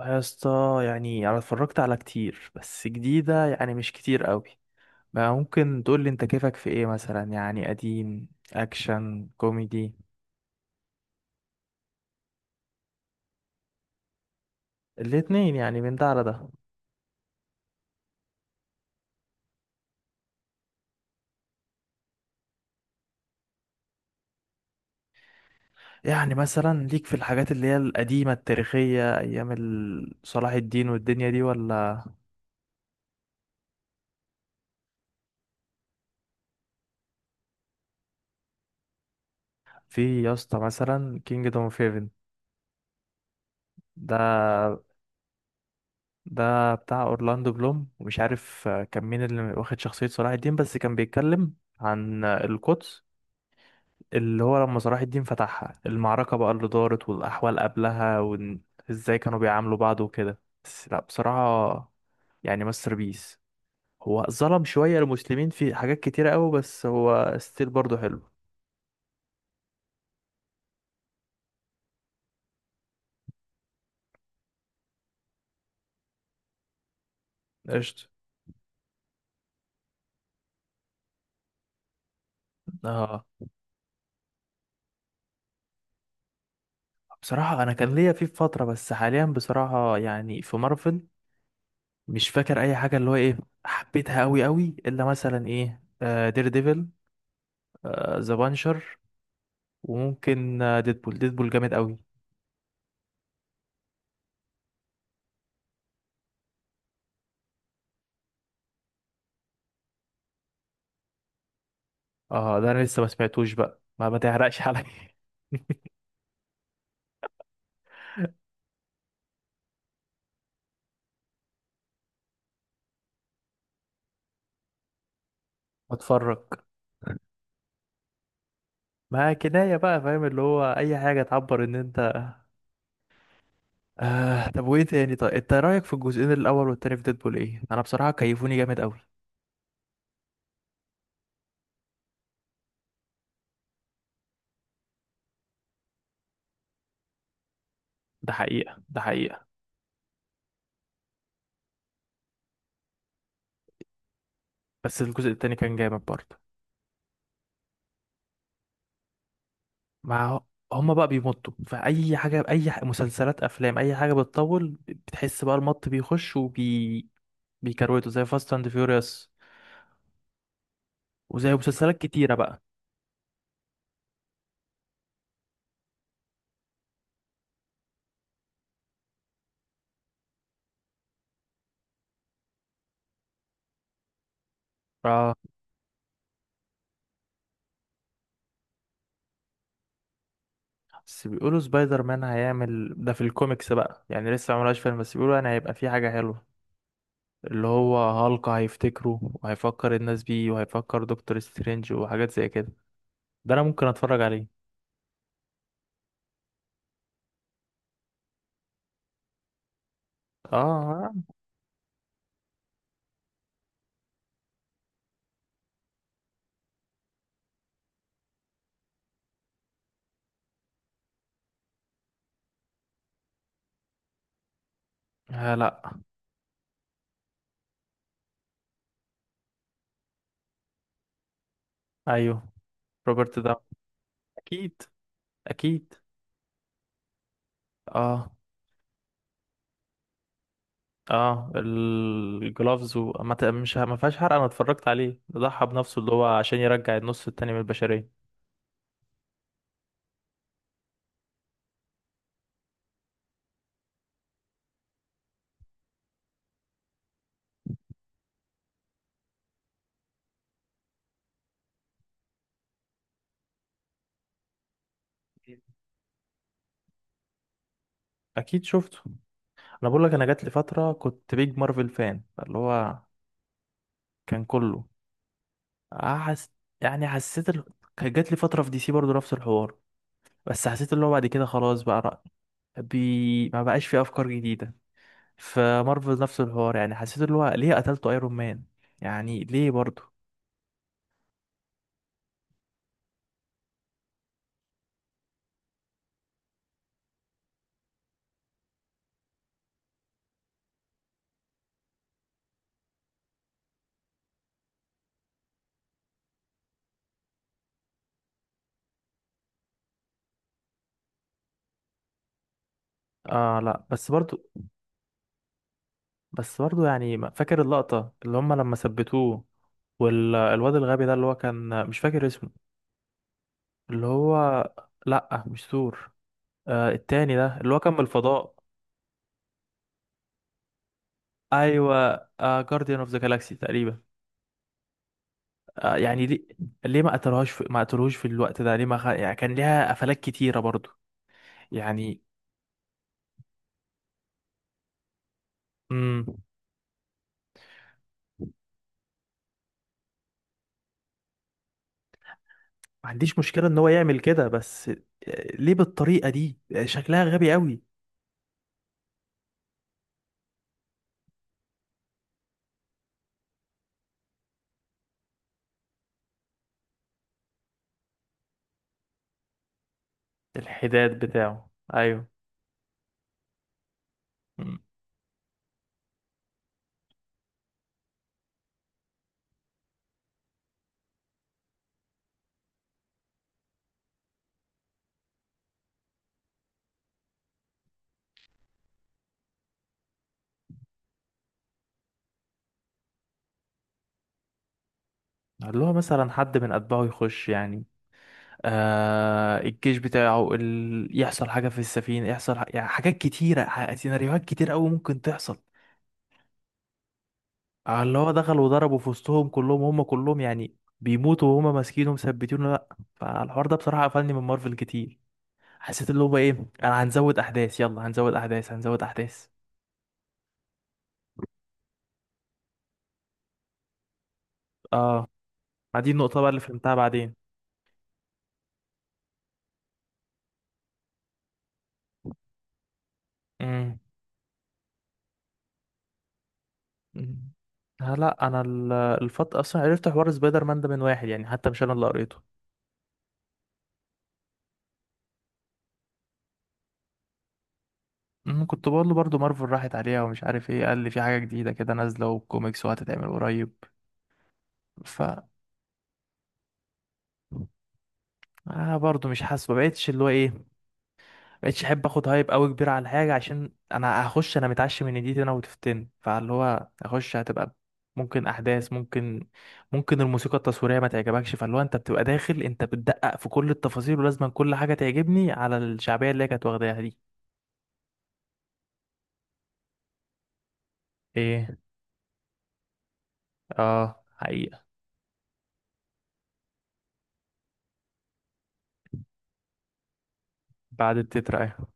يا اسطى، يعني انا اتفرجت على كتير بس جديدة يعني مش كتير قوي. ما ممكن تقول لي انت كيفك في ايه، مثلا يعني قديم، اكشن، كوميدي؟ الاتنين، يعني من ده على ده. يعني مثلا ليك في الحاجات اللي هي القديمة التاريخية ايام صلاح الدين والدنيا دي ولا؟ في يا اسطى، مثلا كينجدوم اوف هيفن. ده ده بتاع اورلاندو بلوم ومش عارف كان مين اللي واخد شخصية صلاح الدين، بس كان بيتكلم عن القدس، اللي هو لما صلاح الدين فتحها، المعركة بقى اللي دارت والأحوال قبلها وإزاي كانوا بيعاملوا بعض وكده. بس لأ، بصراحة يعني ماستر بيس. هو ظلم شوية المسلمين في حاجات كتيرة أوي، بس هو ستيل برضه حلو. قشطة. اه، بصراحة أنا كان ليا فيه في فترة، بس حاليا بصراحة يعني في مارفل مش فاكر أي حاجة اللي هو إيه حبيتها أوي أوي، إلا مثلا إيه، دير ديفل، ذا بانشر، وممكن ديدبول. ديدبول جامد أوي. اه، ده انا لسه ما سمعتوش بقى، ما ما تحرقش عليا. اتفرج. ما كناية بقى، فاهم اللي هو اي حاجة تعبر ان انت. طب وايه تاني؟ طيب انت رأيك في الجزئين الاول والتاني في ديدبول ايه؟ انا بصراحة كيفوني جامد قوي. ده حقيقة، ده حقيقة. بس الجزء التاني كان جامد برضه. مع هما بقى بيمطوا فأي حاجة، أي مسلسلات، أفلام، أي حاجة بتطول بتحس بقى المط بيخش وبي بيكروته، زي فاست أند فيوريوس وزي مسلسلات كتيرة بقى. آه. بس بيقولوا سبايدر مان هيعمل ده في الكوميكس بقى، يعني لسه ما عملهاش فيلم، بس بيقولوا يعني هيبقى في حاجة حلوة اللي هو هالك هيفتكره وهيفكر الناس بيه وهيفكر دكتور سترينج وحاجات زي كده. ده انا ممكن اتفرج عليه. اه. آه، لا. ايوه، روبرت ده. اكيد، اكيد. اه، اه الجلافز، وما ت- مش ه- ما فيهاش حرق، انا اتفرجت عليه. ده ضحى بنفسه اللي هو عشان يرجع النص التاني من البشرية. اكيد شفته. انا بقول لك، انا جات لي فتره كنت بيج مارفل فان، اللي هو كان كله أحس... يعني حسيت كان جات لي فترة في دي سي برضو نفس الحوار، بس حسيت اللي هو بعد كده خلاص بقى ما بقاش في أفكار جديدة. فمارفل نفس الحوار، يعني حسيت اللي هو ليه قتلته ايرون مان؟ يعني ليه برضو؟ اه لا، بس برضو، بس برضو يعني فاكر اللقطة اللي هم لما ثبتوه والواد الغبي ده اللي هو كان مش فاكر اسمه اللي هو؟ لا، مش ثور، آه التاني ده اللي هو كان من الفضاء. ايوه. آه جارديان اوف ذا جالاكسي تقريبا. آه، يعني ليه؟ ليه ما ما قتلوهوش في الوقت ده؟ ليه ما خ... يعني كان ليها قفلات كتيرة برضو، يعني. امم ما عنديش مشكلة ان هو يعمل كده، بس آه، ليه بالطريقة دي؟ آه، شكلها غبي قوي. الحداد بتاعه، ايوه. مم. اللي هو مثلا حد من اتباعه يخش، يعني آه الجيش بتاعه يحصل حاجة في السفينة، يعني حاجات كتيرة سيناريوهات كتير قوي ممكن تحصل على اللي هو دخل وضربوا في وسطهم كلهم، هم كلهم يعني بيموتوا وهم ماسكينه مثبتينه. لا. فالحوار ده بصراحة قفلني من مارفل كتير. حسيت اللي هو ايه، انا هنزود احداث، يلا هنزود احداث، هنزود احداث. اه، ما دي النقطة بقى اللي فهمتها بعدين. امم أمم. آه لا، انا الفت اصلا عرفت حوار سبايدر مان ده من واحد، يعني حتى مش انا اللي قريته. أمم، كنت بقول له برضه مارفل راحت عليها ومش عارف ايه، قال لي في حاجة جديدة كده نازلة وكوميكس وهتتعمل قريب. ف آه، برضه مش حاسس، ما بقتش اللي هو ايه، مبقتش احب اخد هايب قوي كبير على حاجه، عشان انا هخش انا متعشم ان دي انا وتفتن، فاللي هو اخش هتبقى ممكن احداث، ممكن ممكن الموسيقى التصويريه ما تعجبكش، فاللي هو انت بتبقى داخل انت بتدقق في كل التفاصيل ولازم كل حاجه تعجبني على الشعبيه اللي هي كانت واخداها دي. ايه؟ اه حقيقه. بعد التتر، ايوه.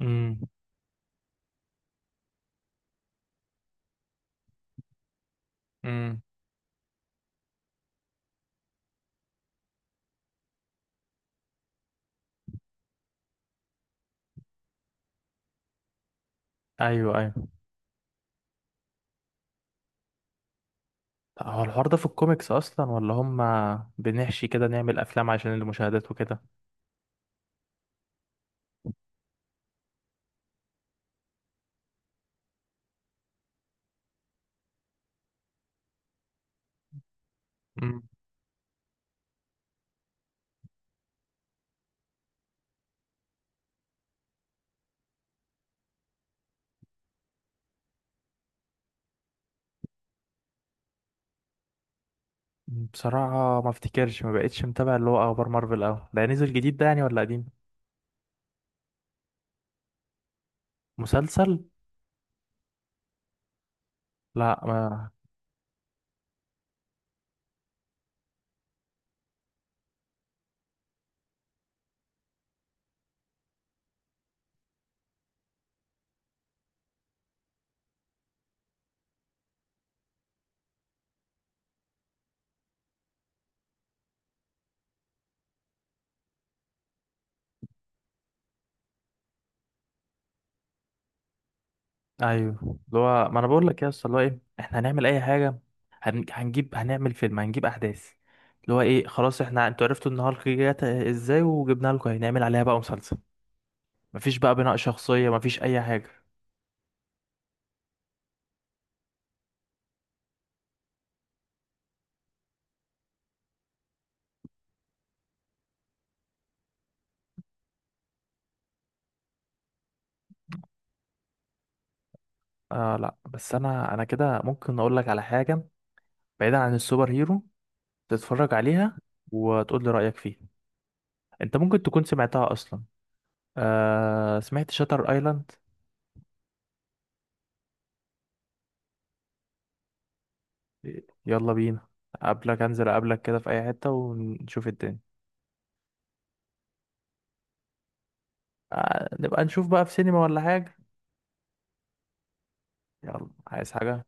امم امم. ايوه، ايوه. طب هو الحوار ده في الكوميكس اصلا، ولا هم بنحشي كده نعمل افلام عشان المشاهدات وكده؟ بصراحة ما افتكرش، ما بقتش متابع اللي هو اخبار مارفل اوي. ده نزل جديد ده يعني ولا قديم؟ مسلسل؟ لا. ما ايوه، اللي هو ما انا بقول لك يا اسطى اللي هو ايه، احنا هنعمل اي حاجة، هنجيب، هنعمل فيلم، هنجيب احداث اللي هو ايه. خلاص احنا، انتوا عرفتوا ان هالك جت ازاي، وجبنا لكم، هنعمل عليها بقى مسلسل. مفيش بقى بناء شخصية، مفيش اي حاجة. آه لا، بس انا انا كده ممكن اقول لك على حاجة بعيدا عن السوبر هيرو، تتفرج عليها وتقول لي رأيك فيها. انت ممكن تكون سمعتها اصلا. آه، سمعت شاتر ايلاند؟ يلا بينا. قبلك، انزل قبلك كده في اي حتة ونشوف الدنيا. آه، نبقى نشوف بقى في سينما ولا حاجة؟ يلا، عايز حاجة؟